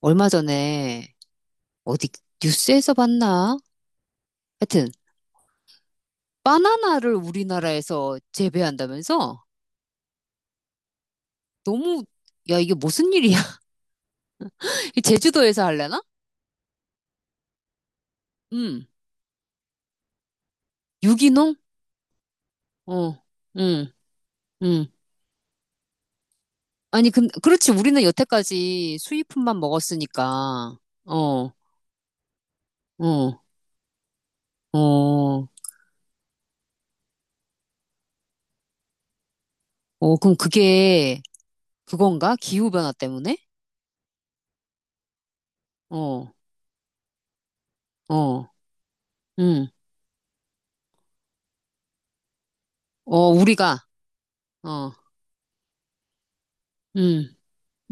얼마 전에 어디 뉴스에서 봤나? 하여튼 바나나를 우리나라에서 재배한다면서? 너무 야, 이게 무슨 일이야? 제주도에서 할래나? 응. 유기농? 어. 응. 응. 아니 근 그렇지, 우리는 여태까지 수입품만 먹었으니까. 어. 어. 어. 어 그럼 그게 그건가? 기후 변화 때문에? 어. 어. 응. 어 우리가. 어. 응.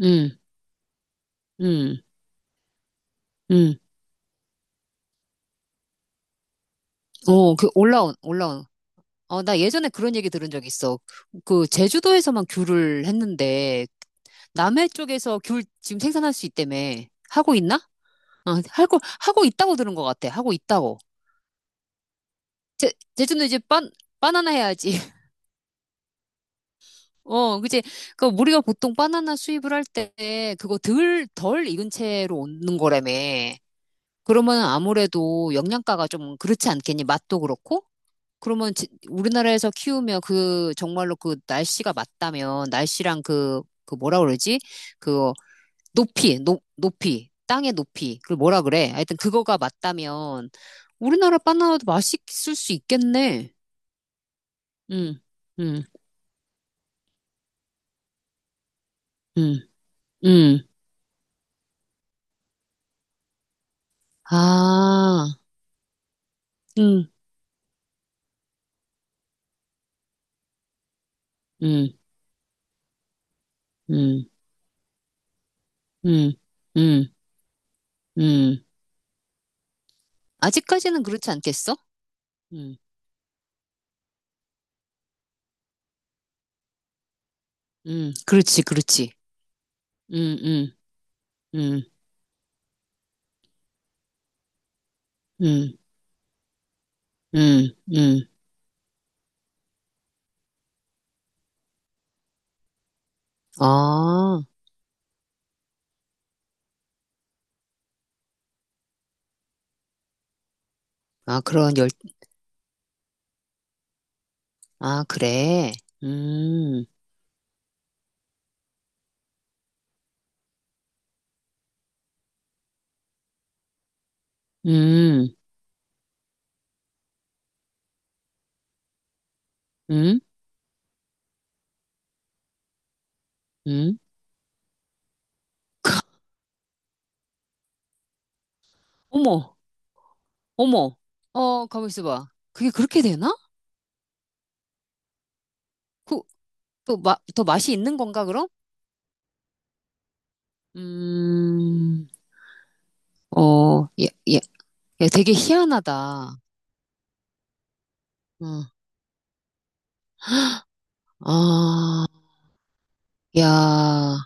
응. 응. 응. 어, 올라온. 어, 나 예전에 그런 얘기 들은 적 있어. 그 제주도에서만 귤을 했는데 남해 쪽에서 귤 지금 생산할 수 있다며. 하고 있나? 어, 하고 있다고 들은 것 같아. 하고 있다고. 제주는 이제 빤 바나나 해야지. 어, 그치. 그 우리가 보통 바나나 수입을 할 때 그거 덜 익은 채로 오는 거라며. 그러면 아무래도 영양가가 좀 그렇지 않겠니? 맛도 그렇고. 그러면 우리나라에서 키우면 그 정말로 그 날씨가 맞다면 날씨랑 그, 그 뭐라 그러지? 그 높이, 땅의 높이. 그걸 뭐라 그래? 하여튼 그거가 맞다면 우리나라 바나나도 맛있을 수 있겠네. 응, 응, 응, 응. 아, 응, 응, 응, 응, 응, 응. 아직까지는 그렇지 않겠어? 응, 응. 그렇지, 그렇지. 응, 응, 응, 응, 응, 응. 아, 아, 그런 열, 아, 그래. 음, 음, 음, 음. 어머, 어머. 어, 가만 있어봐. 그게 그렇게 되나? 그, 또 마, 더 맛이 있는 건가, 그럼? 음, 어, 야, 야, 야, 되게 희한하다. 어, 아, 야.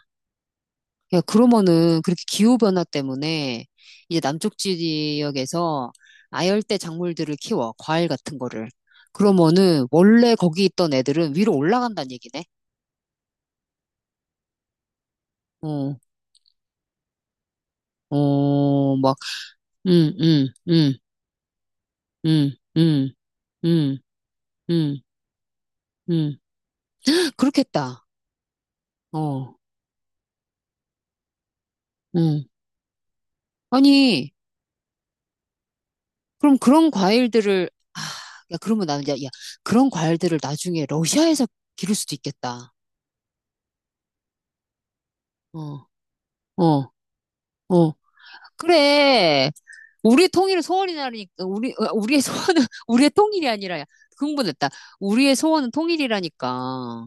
야, 그러면은 그렇게 기후변화 때문에 이제 남쪽 지역에서 아열대 작물들을 키워, 과일 같은 거를. 그러면은 원래 거기 있던 애들은 위로 올라간다는 얘기네. 어, 어, 막, 음, 음, 음, 음, 음, 음, 음, 음. 그렇겠다. 어, 음. 아니, 그럼 그런 과일들을, 아, 야, 그러면 나는, 야, 야, 그런 과일들을 나중에 러시아에서 기를 수도 있겠다. 어, 어, 어. 그래. 우리의 통일은 소원이라니까, 우리, 어, 우리의 소원은, 우리의 통일이 아니라, 야, 흥분했다. 우리의 소원은 통일이라니까.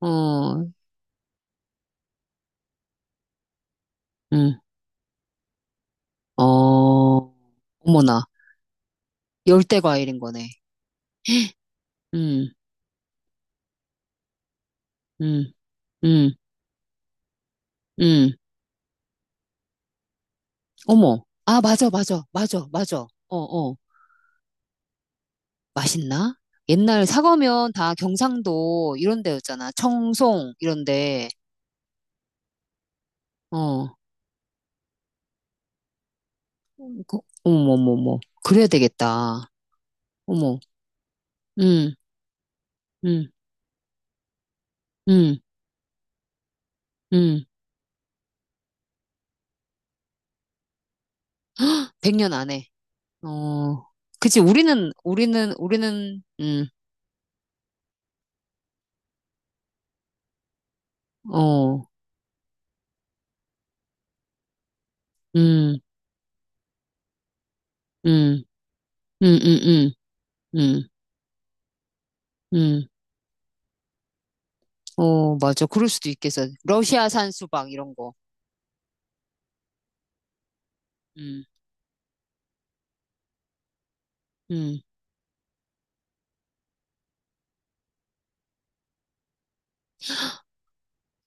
어, 응, 어, 어머나. 열대 과일인 거네. 응, 응, 응, 응. 어머. 아, 맞아, 맞아, 맞아, 맞아. 어, 어. 맛있나? 옛날 사과면 다 경상도 이런 데였잖아. 청송, 이런 데. 어, 그, 어머, 어머, 어머. 그래야 되겠다. 어머, 응응 음, 음, 100년 안에. 어, 그치, 우리는, 우리는, 우리는, 어, 음, 음, 음, 음, 음, 음, 음, 어, 맞아. 그럴 수도 있겠어. 러시아산 수박, 이런 거. 음, 음.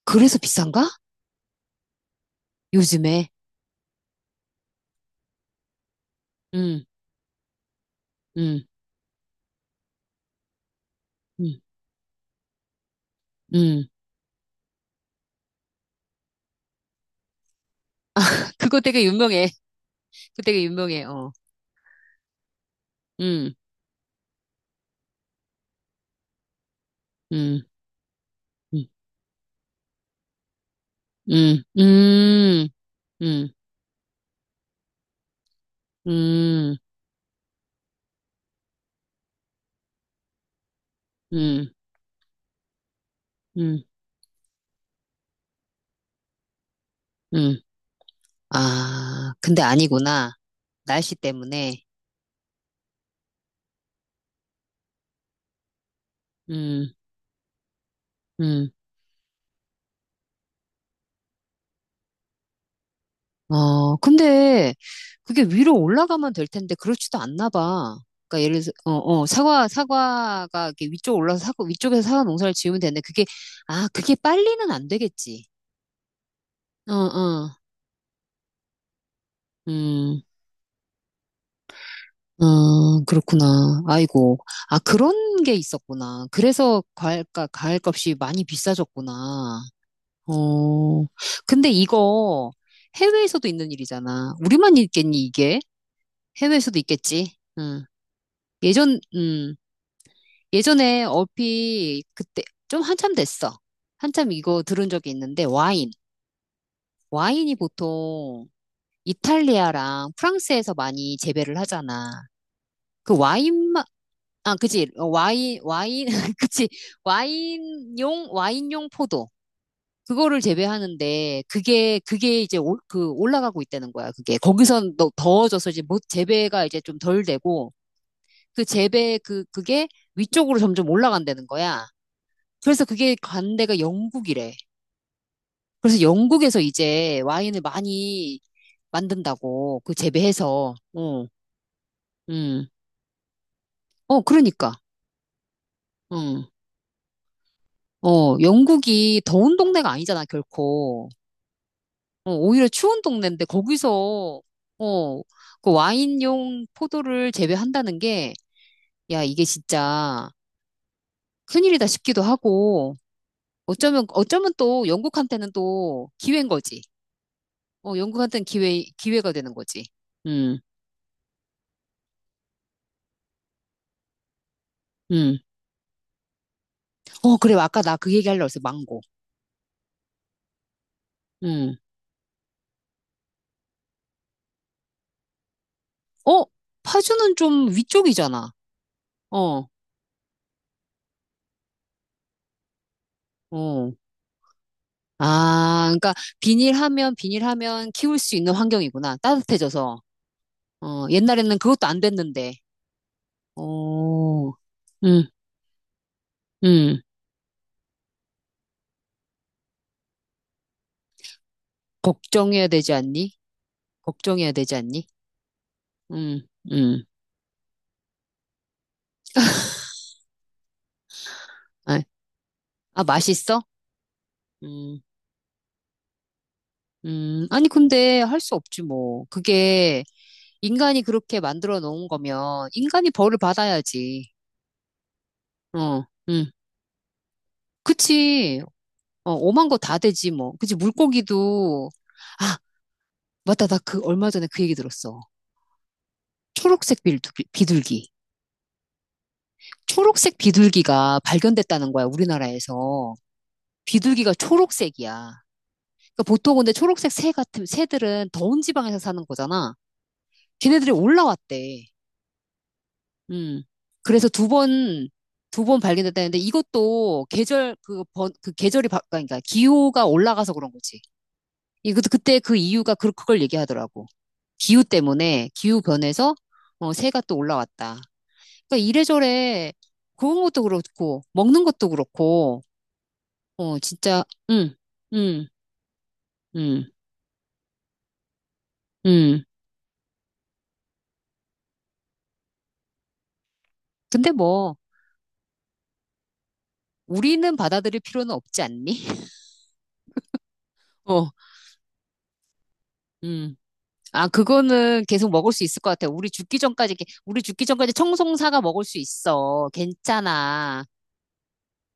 그래서 비싼가? 요즘에. 음, 음, 음, 음. 그거 되게 유명해. 그거 되게 유명해. 어, 음, 음, 음, 음, 음. 음, 음, 음, 음, 음. 아, 근데 아니구나. 날씨 때문에. 음, 음. 어, 근데 그게 위로 올라가면 될 텐데 그렇지도 않나 봐. 그러니까 예를 들어 어, 어, 사과가 이렇게 위쪽 올라서 사과 위쪽에서 사과 농사를 지으면 되는데 그게 아, 그게 빨리는 안 되겠지. 어, 어. 음. 어, 그렇구나. 아이고. 아, 그런 게 있었구나. 그래서 과일값이 많이 비싸졌구나. 어, 근데 이거 해외에서도 있는 일이잖아. 우리만 있겠니, 이게? 해외에서도 있겠지. 음. 예전, 예전에 얼핏 그때 좀 한참 됐어. 한참 이거 들은 적이 있는데 와인. 와인이 보통 이탈리아랑 프랑스에서 많이 재배를 하잖아. 그 와인만 아, 그치. 어, 와인, 그치. 와인용 포도. 그거를 재배하는데, 그게, 그게 이제 올, 그 올라가고 있다는 거야. 그게. 거기선 더, 더워져서 이제 못, 재배가 이제 좀 덜 되고, 그 재배 그 그게 위쪽으로 점점 올라간다는 거야. 그래서 그게 간대가 영국이래. 그래서 영국에서 이제 와인을 많이 만든다고 그 재배해서. 어, 음, 어, 그러니까, 음, 어, 영국이 더운 동네가 아니잖아 결코. 어, 오히려 추운 동네인데 거기서 어, 그 와인용 포도를 재배한다는 게 야, 이게 진짜 큰일이다 싶기도 하고. 어쩌면, 어쩌면 또 영국한테는 또 기회인 거지. 어, 연구한테는 기회, 기회가 되는 거지. 음, 음. 어, 그래. 아까 나 그 얘기하려고 했어. 망고. 음. 어, 파주는 좀 위쪽이잖아. 어, 어. 아, 그러니까 비닐하면 키울 수 있는 환경이구나. 따뜻해져서. 어, 옛날에는 그것도 안 됐는데. 어, 음, 음. 걱정해야 되지 않니? 걱정해야 되지 않니? 음, 음. 아, 아, 맛있어? 음, 아니, 근데 할 수 없지, 뭐. 그게 인간이 그렇게 만들어 놓은 거면 인간이 벌을 받아야지. 어, 응. 그치. 어, 오만 거 다 되지 뭐. 그치. 물고기도 아, 맞다. 나 그 얼마 전에 그 얘기 들었어. 초록색 비둘기, 비둘기. 초록색 비둘기가 발견됐다는 거야, 우리나라에서. 비둘기가 초록색이야. 그러니까 보통 근데 초록색 새 같은 새들은 더운 지방에서 사는 거잖아. 걔네들이 올라왔대. 음. 그래서 두 번 발견됐다는데 이것도 계절, 그 번, 그 계절이 바, 그러니까 기후가 올라가서 그런 거지. 이도 그때 그 이유가 그, 그걸 얘기하더라고. 기후 때문에, 기후 변해서 어, 새가 또 올라왔다. 그러니까 이래저래 그런 것도 그렇고, 먹는 것도 그렇고, 어, 진짜, 응 응 응 응. 근데 뭐, 우리는 받아들일 필요는 없지 않니? 어, 음. 아, 그거는 계속 먹을 수 있을 것 같아. 우리 죽기 전까지, 우리 죽기 전까지 청송사가 먹을 수 있어. 괜찮아.